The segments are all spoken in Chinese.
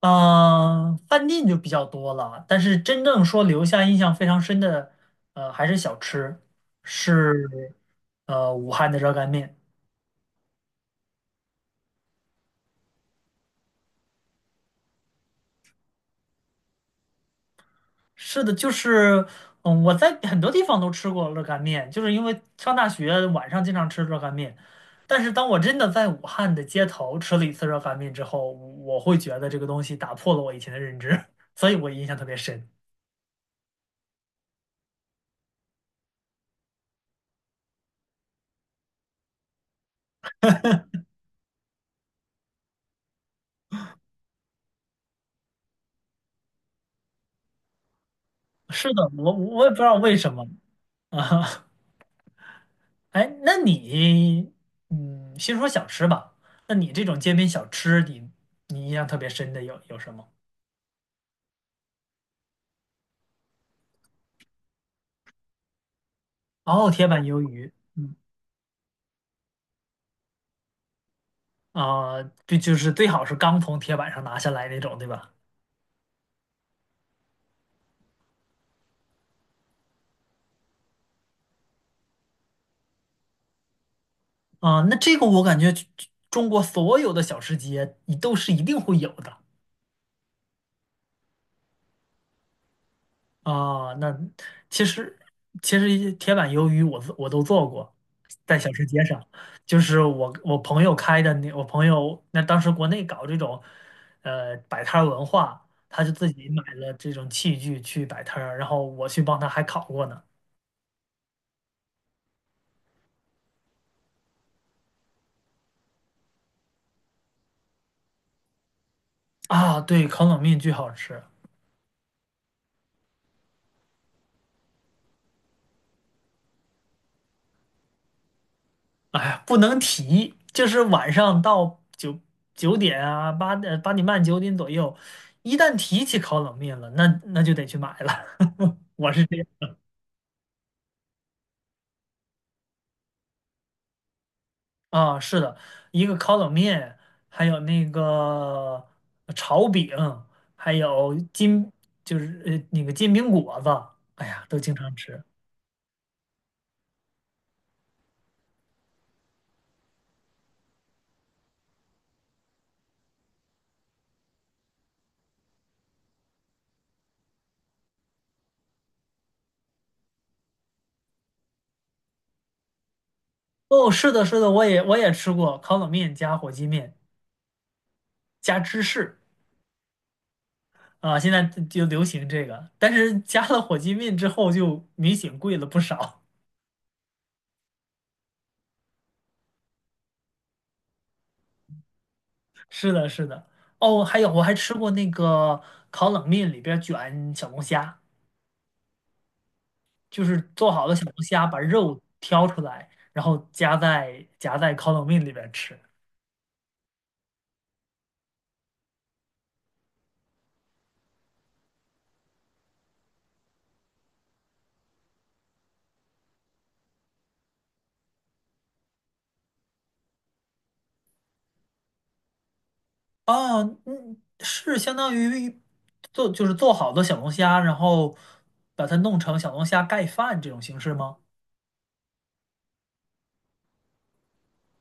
嗯，饭店就比较多了，但是真正说留下印象非常深的，还是小吃，是武汉的热干面。是的，就是嗯，我在很多地方都吃过热干面，就是因为上大学晚上经常吃热干面。但是当我真的在武汉的街头吃了一次热干面之后，我会觉得这个东西打破了我以前的认知，所以我印象特别深。是的，我也不知道为什么啊。哎，那你，嗯，先说小吃吧。那你这种街边小吃，你印象特别深的有什么？哦，铁板鱿鱼，嗯。啊，这就是最好是刚从铁板上拿下来那种，对吧？啊，那这个我感觉中国所有的小吃街，你都是一定会有的。啊，那其实其实一铁板鱿鱼我都做过，在小吃街上，就是我朋友开的，那我朋友那当时国内搞这种摆摊儿文化，他就自己买了这种器具去摆摊儿，然后我去帮他还烤过呢。啊，对，烤冷面巨好吃，哎呀，不能提，就是晚上到九点啊，八点半九点左右，一旦提起烤冷面了，那就得去买了。我是这样。啊，是的，一个烤冷面，还有那个炒饼，还有金，就是那个煎饼果子，哎呀，都经常吃。哦，是的，是的，我也吃过烤冷面加火鸡面加芝士。啊，现在就流行这个，但是加了火鸡面之后就明显贵了不少。是的，是的。哦，还有我还吃过那个烤冷面里边卷小龙虾。就是做好的小龙虾，把肉挑出来，然后夹在烤冷面里边吃。哦，嗯，是相当于就是做好的小龙虾，然后把它弄成小龙虾盖饭这种形式吗？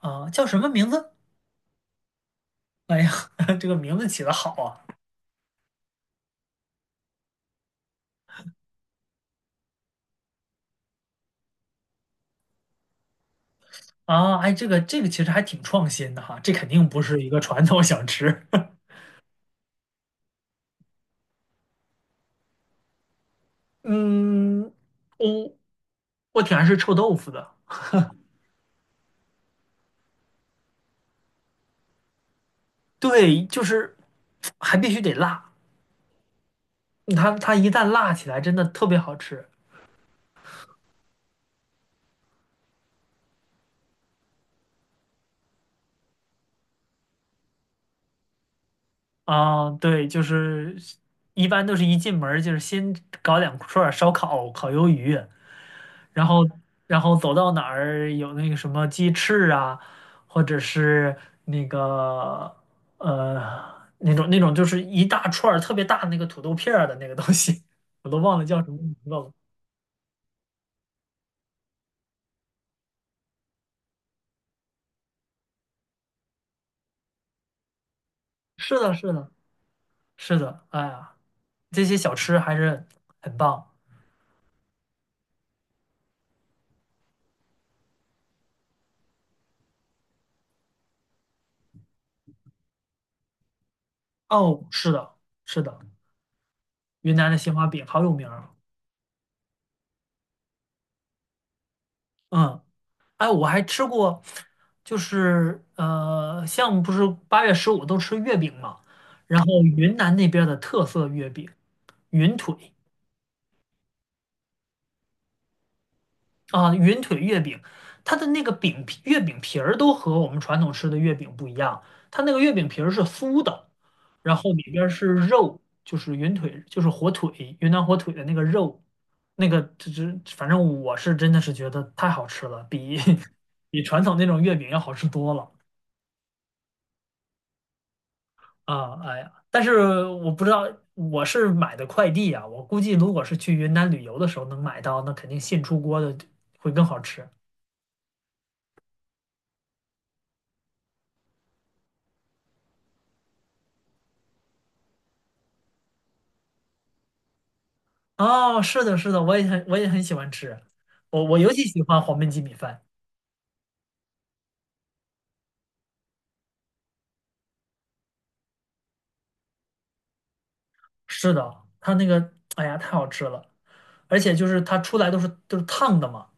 啊，叫什么名字？哎呀，这个名字起的好啊！啊，哎，这个其实还挺创新的哈，这肯定不是一个传统小吃。嗯，我我挺爱吃臭豆腐的，对，就是还必须得辣。它一旦辣起来，真的特别好吃。啊！对，就是一般都是一进门儿就是先搞两串儿烧烤、烤鱿鱼，然后走到哪儿有那个什么鸡翅啊，或者是那个那种就是一大串儿特别大的那个土豆片儿的那个东西，我都忘了叫什么名字了。是的，是的，是的，哎呀，这些小吃还是很棒哦。是的，是的。云南的鲜花饼好有名儿。嗯，哎，我还吃过，就是像不是八月十五都吃月饼嘛，然后云南那边儿的特色月饼，云腿。啊，云腿月饼，它的那个月饼皮儿都和我们传统吃的月饼不一样，它那个月饼皮儿是酥的，然后里边儿是肉，就是云腿，就是火腿，云南火腿的那个肉，那个这这，反正我是真的是觉得太好吃了，比 比传统那种月饼要好吃多了。啊！哎呀，但是我不知道，我是买的快递啊，我估计如果是去云南旅游的时候能买到，那肯定现出锅的会更好吃。哦，是的，是的，我也很喜欢吃，我尤其喜欢黄焖鸡米饭。是的，它那个，哎呀，太好吃了，而且就是它出来都是烫的嘛，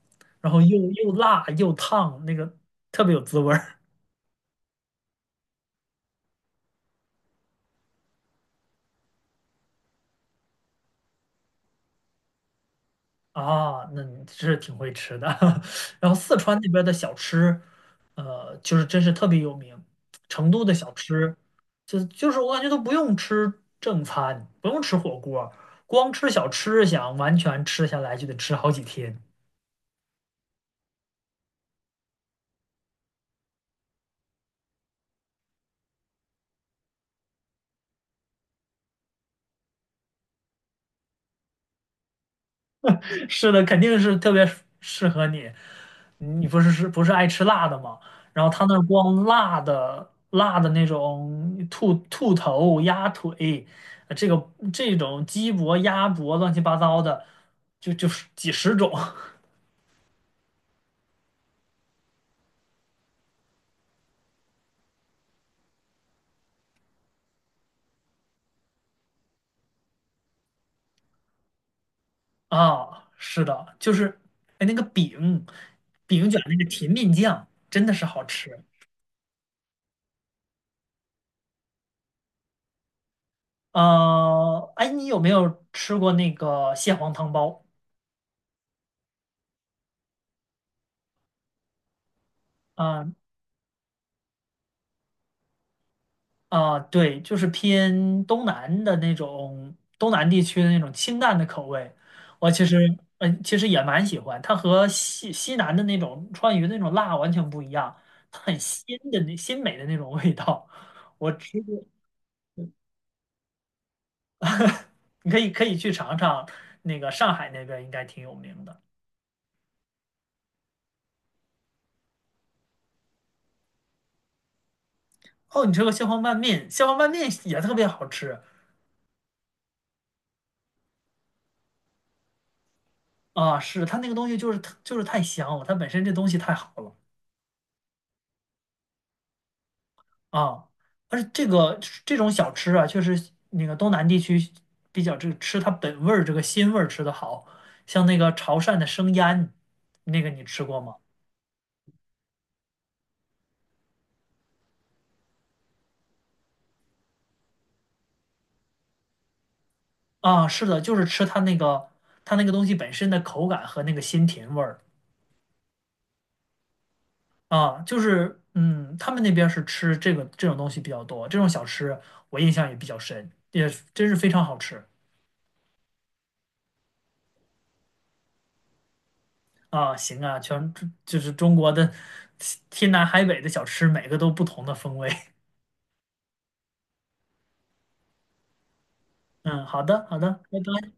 然后又辣又烫，那个特别有滋味儿。啊。那你是挺会吃的。然后四川那边的小吃，呃，就是真是特别有名。成都的小吃，就是我感觉都不用吃正餐，不用吃火锅，光吃小吃，想完全吃下来就得吃好几天。是的，肯定是特别适合你。你不是是不是爱吃辣的吗？然后他那儿光辣的那种兔头、鸭腿，这种鸡脖、鸭脖，乱七八糟的，就是几十种。 啊。是的，就是哎那个饼卷那个甜面酱真的是好吃。呃，哎，你有没有吃过那个蟹黄汤包？啊？啊，对，就是偏东南的那种东南地区的那种清淡的口味，我其实嗯、其实也蛮喜欢。它和西南的那种川渝的那种辣完全不一样，它很鲜的鲜美的那种味道。我吃过，你可以去尝尝，那个上海那边应该挺有名的。哦，你吃过蟹黄拌面，蟹黄拌面也特别好吃。啊！是它那个东西就是就是太香了，它本身这东西太好了。啊，而且这种小吃啊，确实那个东南地区比较这个吃它本味儿这个鲜味儿吃的好，像那个潮汕的生腌，那个你吃过吗？啊，是的，就是吃它那个它那个东西本身的口感和那个鲜甜味儿。啊，就是嗯，他们那边儿是吃这种东西比较多，这种小吃我印象也比较深，也真是非常好吃。啊。行啊，就是中国的 天南海北的小吃，每个都不同的风味。嗯，好的，好的，拜拜。